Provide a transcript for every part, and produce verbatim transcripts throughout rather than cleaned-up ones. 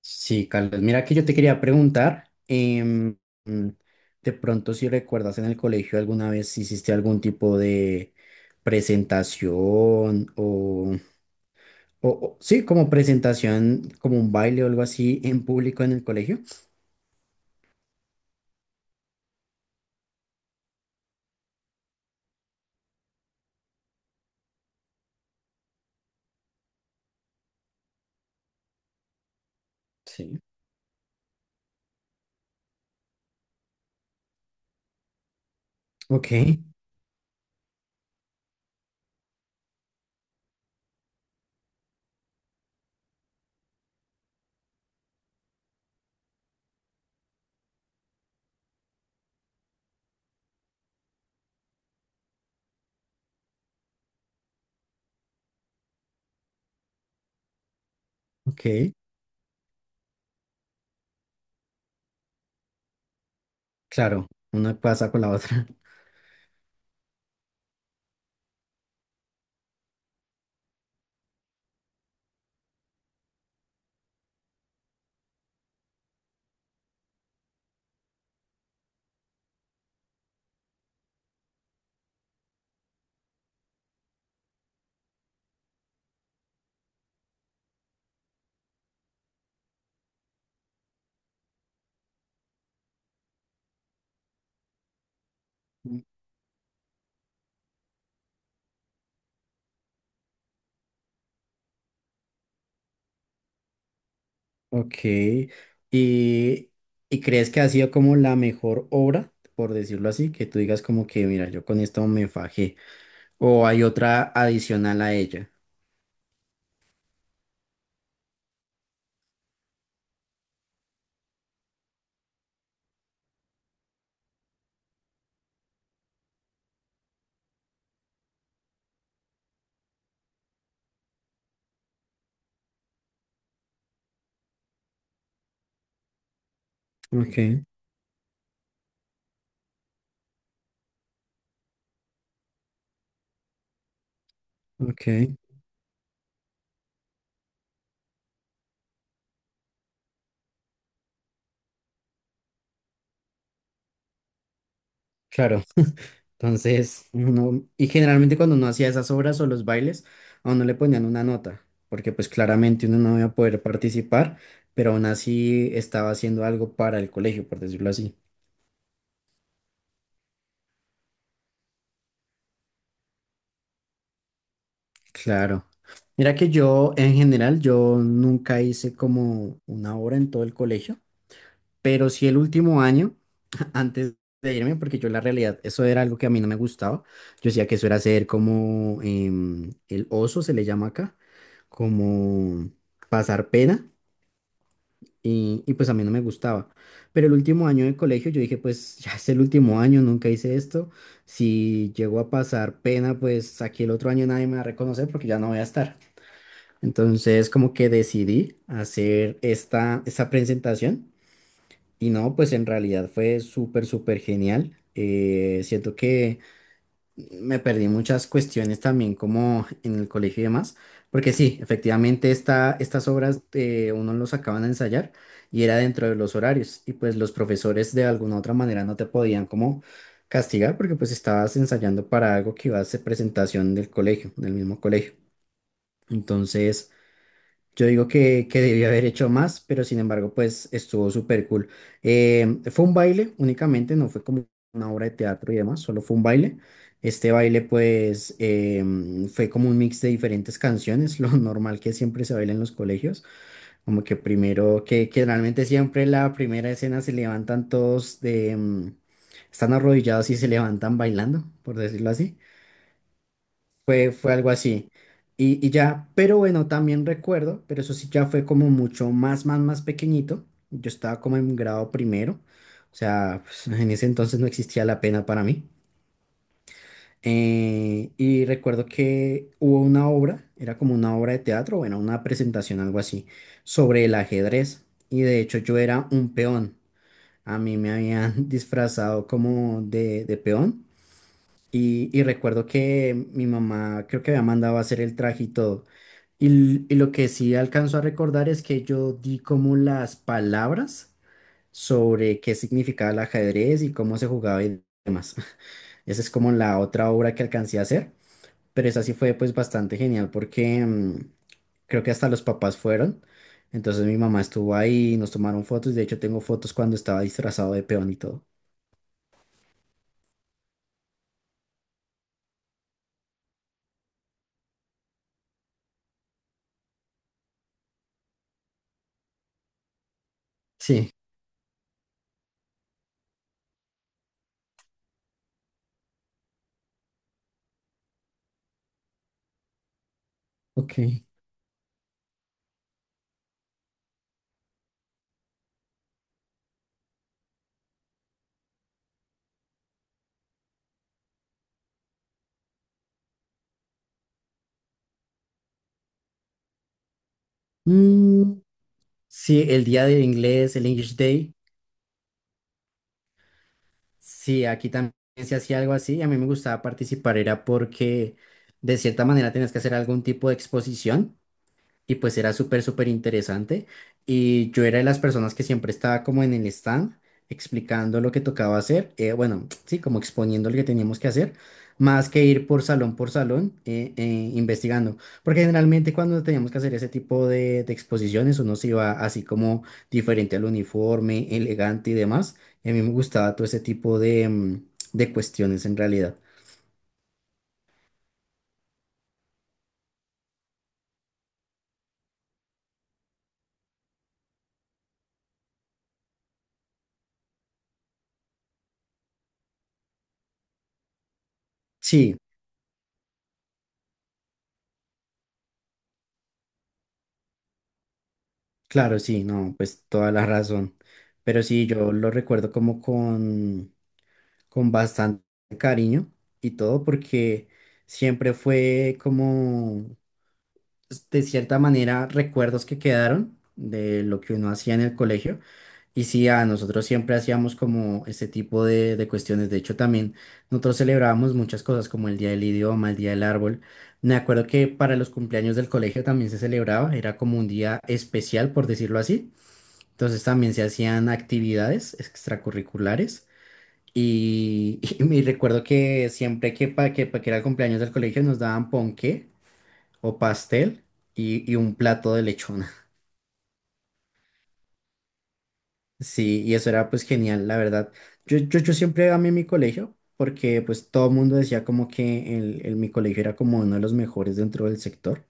Sí, Carlos, mira que yo te quería preguntar, em, mm, de pronto si recuerdas en el colegio alguna vez si hiciste algún tipo de presentación o, o- o- sí, como presentación, como un baile o algo así en público en el colegio. Sí. Ok, ok, claro, una pasa con la otra. Mm. Ok, y, y crees que ha sido como la mejor obra, por decirlo así, que tú digas como que, mira, yo con esto me fajé, o hay otra adicional a ella. Ok, ok. Claro, entonces uno, y generalmente cuando uno hacía esas obras o los bailes, a uno le ponían una nota, porque pues claramente uno no iba a poder participar, pero aún así estaba haciendo algo para el colegio, por decirlo así. Claro. Mira que yo, en general, yo nunca hice como una obra en todo el colegio, pero sí el último año, antes de irme, porque yo en la realidad, eso era algo que a mí no me gustaba. Yo decía que eso era hacer como em, el oso, se le llama acá, como pasar pena, y, y pues a mí no me gustaba. Pero el último año de colegio yo dije, pues ya es el último año, nunca hice esto. Si llego a pasar pena, pues aquí el otro año nadie me va a reconocer porque ya no voy a estar. Entonces como que decidí hacer esta, esta presentación y no, pues en realidad fue súper, súper genial. Eh, siento que me perdí muchas cuestiones también como en el colegio y demás, porque sí, efectivamente esta, estas obras eh, uno los acaban de ensayar y era dentro de los horarios y pues los profesores de alguna u otra manera no te podían como castigar porque pues estabas ensayando para algo que iba a ser presentación del colegio, del mismo colegio. Entonces... Yo digo que, que debió haber hecho más, pero sin embargo, pues estuvo súper cool. Eh, fue un baile únicamente, no fue como una obra de teatro y demás, solo fue un baile. Este baile, pues, em, fue como un mix de diferentes canciones, lo normal que siempre se baila en los colegios, como que primero, que, que realmente siempre la primera escena se levantan todos de, em, están arrodillados y se levantan bailando, por decirlo así. Fue, fue algo así. Y, y ya, pero bueno, también recuerdo, pero eso sí ya fue como mucho más, más, más pequeñito. Yo estaba como en grado primero, o sea, pues, en ese entonces no existía la pena para mí. Eh, y recuerdo que hubo una obra, era como una obra de teatro, bueno, una presentación, algo así, sobre el ajedrez. Y de hecho yo era un peón. A mí me habían disfrazado como de, de peón y, y recuerdo que mi mamá creo que había mandado a hacer el traje y todo. Y, l- y lo que sí alcanzo a recordar es que yo di como las palabras sobre qué significaba el ajedrez y cómo se jugaba y demás. Esa es como la otra obra que alcancé a hacer, pero esa sí fue pues bastante genial porque mm, creo que hasta los papás fueron. Entonces mi mamá estuvo ahí, nos tomaron fotos, de hecho tengo fotos cuando estaba disfrazado de peón y todo. Sí, ok. Sí, el día del inglés, el English Day, sí, aquí también se hacía algo así. A mí me gustaba participar, era porque de cierta manera tenías que hacer algún tipo de exposición. Y pues era súper, súper interesante. Y yo era de las personas que siempre estaba como en el stand explicando lo que tocaba hacer. Eh, bueno, sí, como exponiendo lo que teníamos que hacer, más que ir por salón por salón eh, eh, investigando. Porque generalmente cuando teníamos que hacer ese tipo de, de exposiciones, uno se iba así como diferente al uniforme, elegante y demás. Y a mí me gustaba todo ese tipo de, mm, de cuestiones en realidad. Sí. Claro, sí, no, pues toda la razón. Pero sí, yo lo recuerdo como con, con bastante cariño y todo, porque siempre fue como, de cierta manera, recuerdos que quedaron de lo que uno hacía en el colegio. Y sí, a nosotros siempre hacíamos como este tipo de, de cuestiones. De hecho, también nosotros celebrábamos muchas cosas como el Día del Idioma, el Día del Árbol. Me acuerdo que para los cumpleaños del colegio también se celebraba, era como un día especial, por decirlo así. Entonces también se hacían actividades extracurriculares. Y, y me recuerdo que siempre que para que, pa' que era el cumpleaños del colegio nos daban ponqué o pastel y, y un plato de lechón. Sí, y eso era pues genial, la verdad. Yo, yo, yo siempre amé mi colegio porque pues todo el mundo decía como que el, el- mi colegio era como uno de los mejores dentro del sector.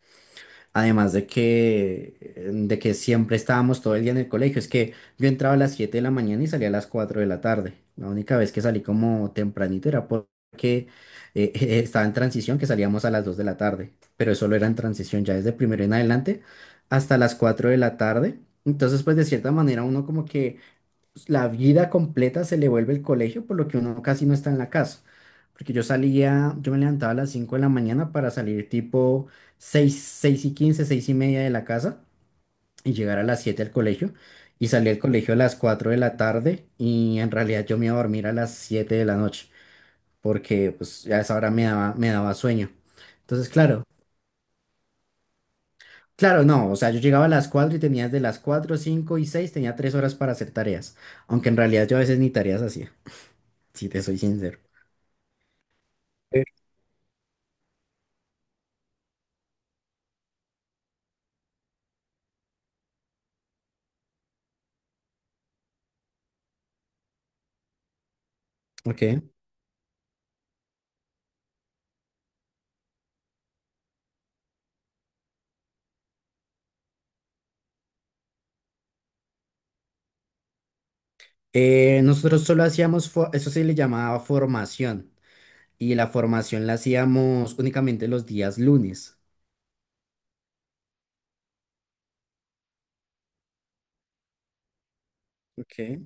Además de que, eh, de que siempre estábamos todo el día en el colegio. Es que yo entraba a las siete de la mañana y salía a las cuatro de la tarde. La única vez que salí como tempranito era porque eh, estaba en transición, que salíamos a las dos de la tarde. Pero eso solo era en transición, ya desde primero en adelante hasta las cuatro de la tarde. Entonces pues de cierta manera uno como que pues, la vida completa se le vuelve el colegio, por lo que uno casi no está en la casa. Porque yo salía, yo me levantaba a las cinco de la mañana para salir tipo seis seis y quince seis y media de la casa y llegar a las siete al colegio. Y salí al colegio a las cuatro de la tarde y en realidad yo me iba a dormir a las siete de la noche porque pues a esa hora me daba, me daba sueño. Entonces, claro, claro, no, o sea, yo llegaba a las cuatro y tenía desde las cuatro cinco y seis tenía tres horas para hacer tareas, aunque en realidad yo a veces ni tareas hacía, si te soy sincero. Ok. Eh, nosotros solo hacíamos, fo- eso se le llamaba formación, y la formación la hacíamos únicamente los días lunes. Ok.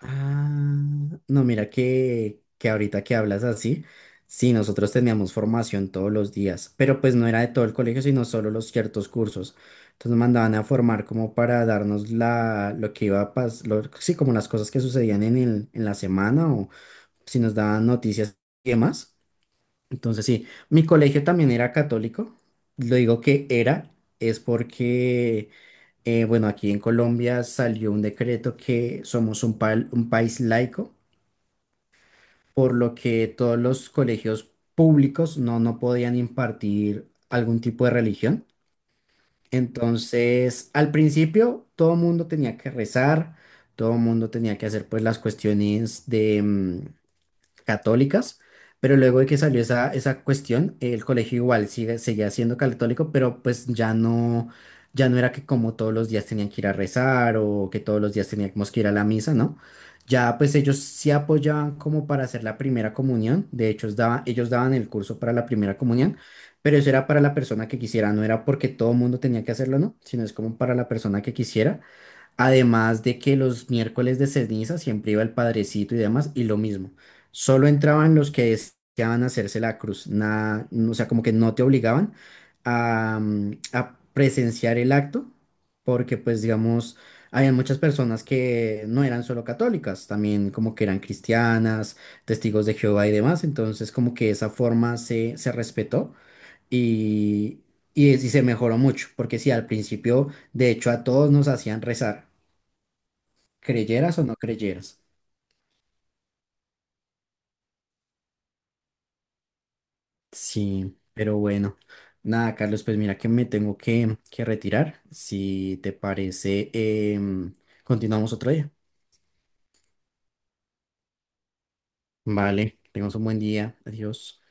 Ah, no, mira que, que ahorita que hablas así, sí, nosotros teníamos formación todos los días, pero pues no era de todo el colegio, sino solo los ciertos cursos. Entonces nos mandaban a formar como para darnos la, lo que iba a pasar, sí, como las cosas que sucedían en el, en la semana o si nos daban noticias y demás. Entonces, sí, mi colegio también era católico. Lo digo que era, es porque, eh, bueno, aquí en Colombia salió un decreto que somos un, pal- un país laico, por lo que todos los colegios públicos no, no podían impartir algún tipo de religión. Entonces, al principio, todo el mundo tenía que rezar, todo el mundo tenía que hacer pues las cuestiones de mm, católicas, pero luego de que salió esa, esa cuestión, el colegio igual sigue, seguía siendo católico, pero pues ya no, ya no era que como todos los días tenían que ir a rezar o que todos los días teníamos que ir a la misa, ¿no? Ya pues ellos sí apoyaban como para hacer la primera comunión, de hecho ellos daban, ellos daban el curso para la primera comunión, pero eso era para la persona que quisiera, no era porque todo el mundo tenía que hacerlo, ¿no? Sino es como para la persona que quisiera. Además de que los miércoles de ceniza siempre iba el padrecito y demás, y lo mismo. Solo entraban los que deseaban hacerse la cruz. Nada, no, o sea, como que no te obligaban a, mm, a presenciar el acto, porque pues digamos, había muchas personas que no eran solo católicas, también como que eran cristianas, testigos de Jehová y demás. Entonces como que esa forma se, se respetó y, y, y se mejoró mucho, porque sí, al principio, de hecho, a todos nos hacían rezar creyeras o no creyeras. Sí, pero bueno, nada, Carlos, pues mira que me tengo que, que retirar. Si te parece, em, continuamos otro día. Vale, tengas un buen día. Adiós.